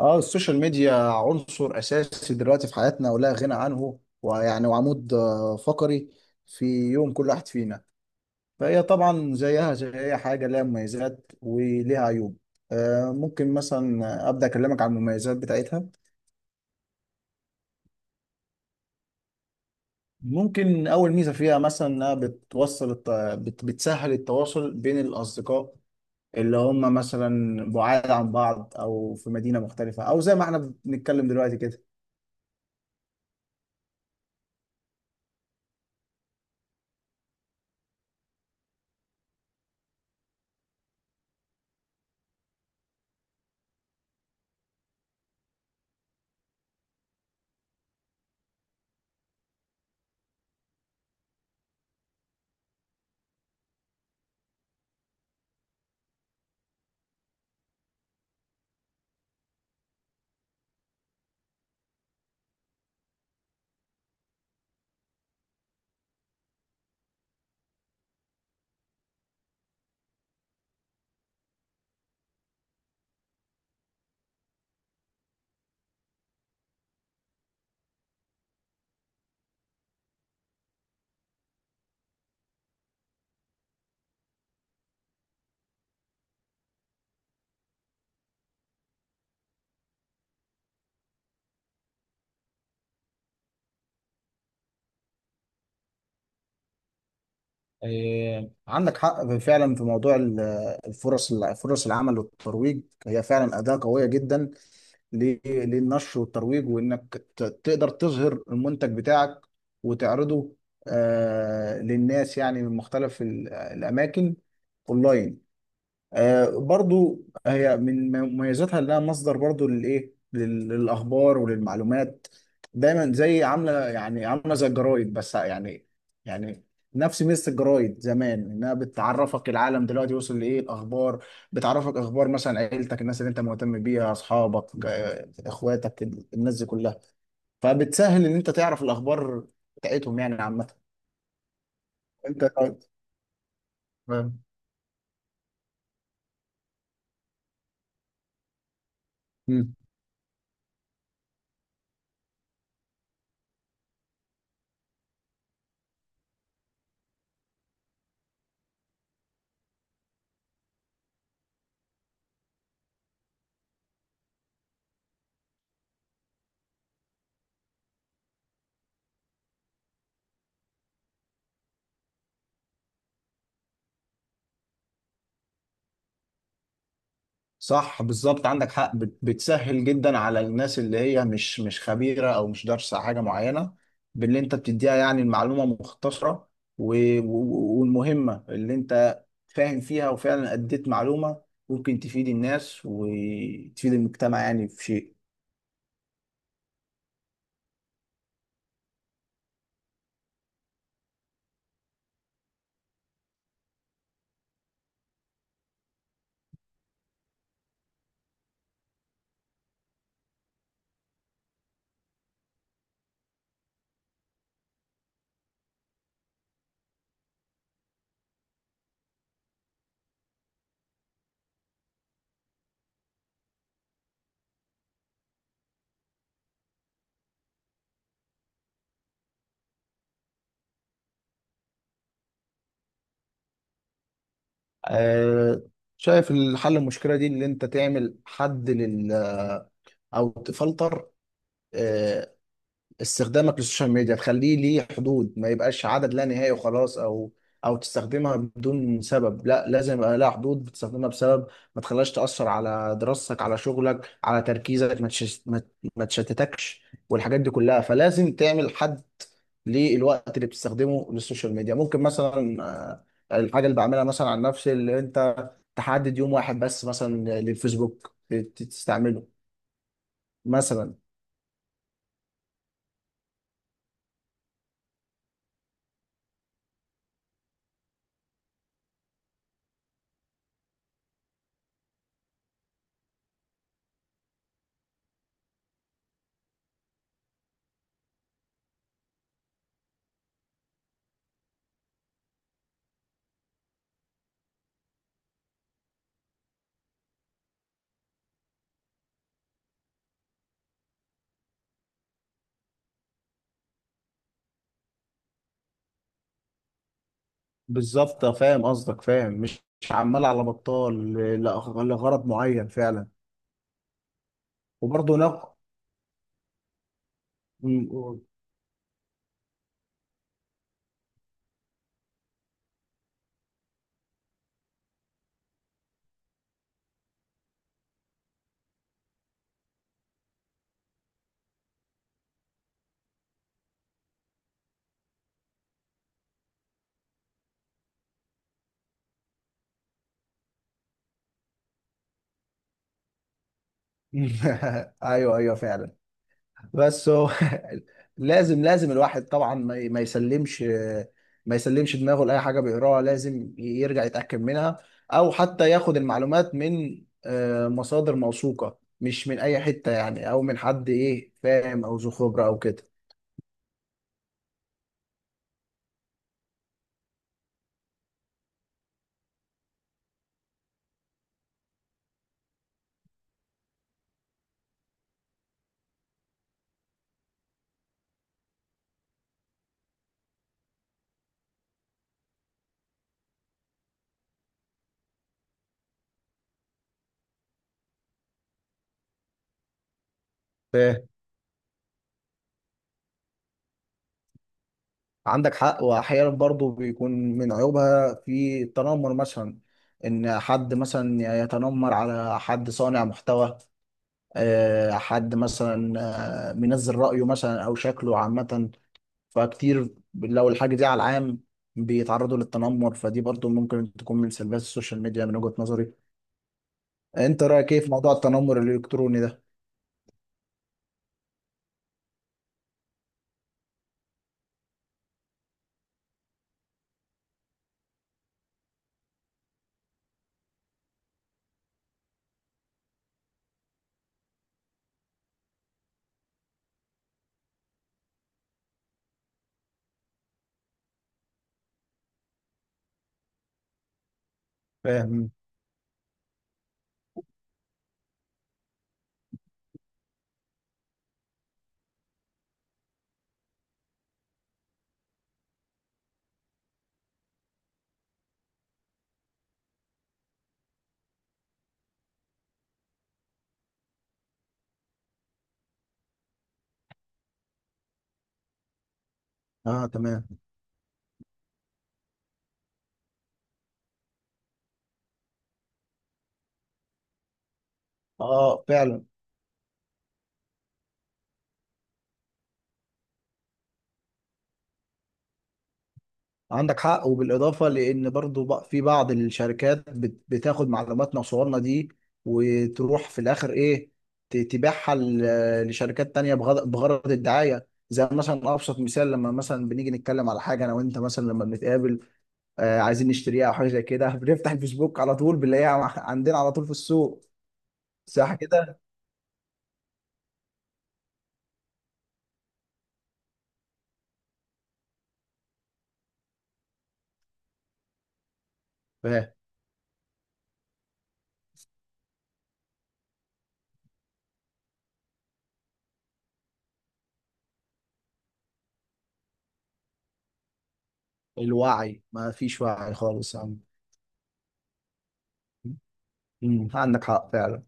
اه، السوشيال ميديا عنصر اساسي دلوقتي في حياتنا ولا غنى عنه ويعني وعمود فقري في يوم كل واحد فينا. فهي طبعا زيها زي اي حاجه لها مميزات وليها عيوب. ممكن مثلا ابدا اكلمك عن المميزات بتاعتها. ممكن اول ميزه فيها مثلا انها بتسهل التواصل بين الاصدقاء اللي هم مثلا بعاد عن بعض او في مدينه مختلفه او زي ما احنا بنتكلم دلوقتي كده. إيه، عندك حق فعلا في موضوع الفرص، فرص العمل والترويج. هي فعلا أداة قوية جدا للنشر والترويج، وإنك تقدر تظهر المنتج بتاعك وتعرضه للناس يعني من مختلف الأماكن أونلاين. برضو هي من مميزاتها انها مصدر برضو للايه، للاخبار وللمعلومات دايما، زي عامله يعني عامله زي الجرايد بس يعني، يعني نفس ميزه الجرايد زمان انها بتعرفك العالم دلوقتي وصل لايه، الاخبار بتعرفك اخبار مثلا عيلتك، الناس اللي انت مهتم بيها، اصحابك، اخواتك، الناس دي كلها. فبتسهل ان انت تعرف الاخبار بتاعتهم يعني عامه. انت فاهم. صح، بالظبط، عندك حق. بتسهل جدا على الناس اللي هي مش خبيرة او مش دارسة حاجة معينة، باللي انت بتديها يعني المعلومة مختصرة و- و- والمهمة اللي انت فاهم فيها، وفعلا اديت معلومة ممكن تفيد الناس وتفيد المجتمع يعني في شيء. آه، شايف الحل المشكلة دي اللي انت تعمل حد لل، او تفلتر آه، استخدامك للسوشيال ميديا، تخليه ليه حدود ما يبقاش عدد لا نهائي وخلاص. او تستخدمها بدون سبب، لا لازم يبقى لها حدود بتستخدمها بسبب، ما تخليهاش تأثر على دراستك، على شغلك، على تركيزك، ما تشش- ما ما تشتتكش والحاجات دي كلها. فلازم تعمل حد للوقت اللي بتستخدمه للسوشيال ميديا. ممكن مثلا الحاجة اللي بعملها مثلا عن نفسي، اللي انت تحدد يوم واحد بس مثلا للفيسبوك تستعمله مثلا. بالظبط، فاهم قصدك، فاهم. مش عمال على بطال، لغرض معين فعلا. وبرضه نق م- م- ايوه، ايوه فعلا. بس هو لازم، لازم الواحد طبعا ما يسلمش، ما يسلمش دماغه لاي حاجه بيقراها. لازم يرجع يتاكد منها، او حتى ياخد المعلومات من مصادر موثوقه، مش من اي حته يعني، او من حد ايه فاهم، او ذو خبره او كده. عندك حق. واحيانا برضو بيكون من عيوبها في التنمر مثلا، ان حد مثلا يتنمر على حد صانع محتوى، حد مثلا منزل رأيه مثلا او شكله عامة، فكتير لو الحاجة دي على العام بيتعرضوا للتنمر. فدي برضو ممكن تكون من سلبيات السوشيال ميديا من وجهة نظري. انت رأيك ايه في موضوع التنمر الالكتروني ده؟ فاهم. اه، تمام. اه فعلا. عندك حق. وبالإضافة لأن برضو في بعض الشركات بتاخد معلوماتنا وصورنا دي، وتروح في الآخر إيه، تبيعها لشركات تانية بغرض الدعاية. زي مثلا أبسط مثال، لما مثلا بنيجي نتكلم على حاجة أنا وأنت مثلا لما بنتقابل، عايزين نشتريها أو حاجة زي كده، بنفتح الفيسبوك على طول بنلاقيها عندنا على طول في السوق. صح كده؟ فالوعي ما فيش وعي خالص يا عم. مم، عندك حق فعلا.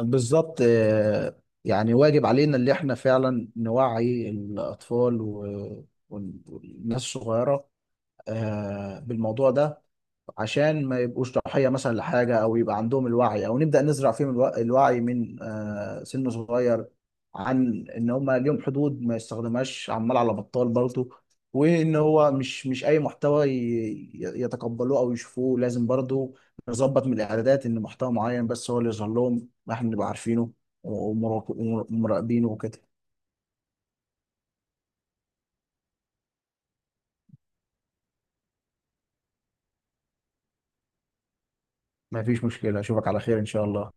بالظبط، يعني واجب علينا اللي احنا فعلا نوعي الأطفال و- وال- والناس الصغيرة بالموضوع ده، عشان ما يبقوش ضحية مثلا لحاجة، أو يبقى عندهم الوعي، أو نبدأ نزرع فيهم الوعي من سن صغير، عن إن هما ليهم حدود ما يستخدمهاش عمال على بطال برضه. وإن هو مش أي محتوى يتقبلوه أو يشوفوه. لازم برضه نظبط من الإعدادات إن محتوى معين بس هو اللي يظهر لهم، ما إحنا نبقى عارفينه ومراقب- ومراقبينه وكده. مفيش مشكلة، أشوفك على خير إن شاء الله.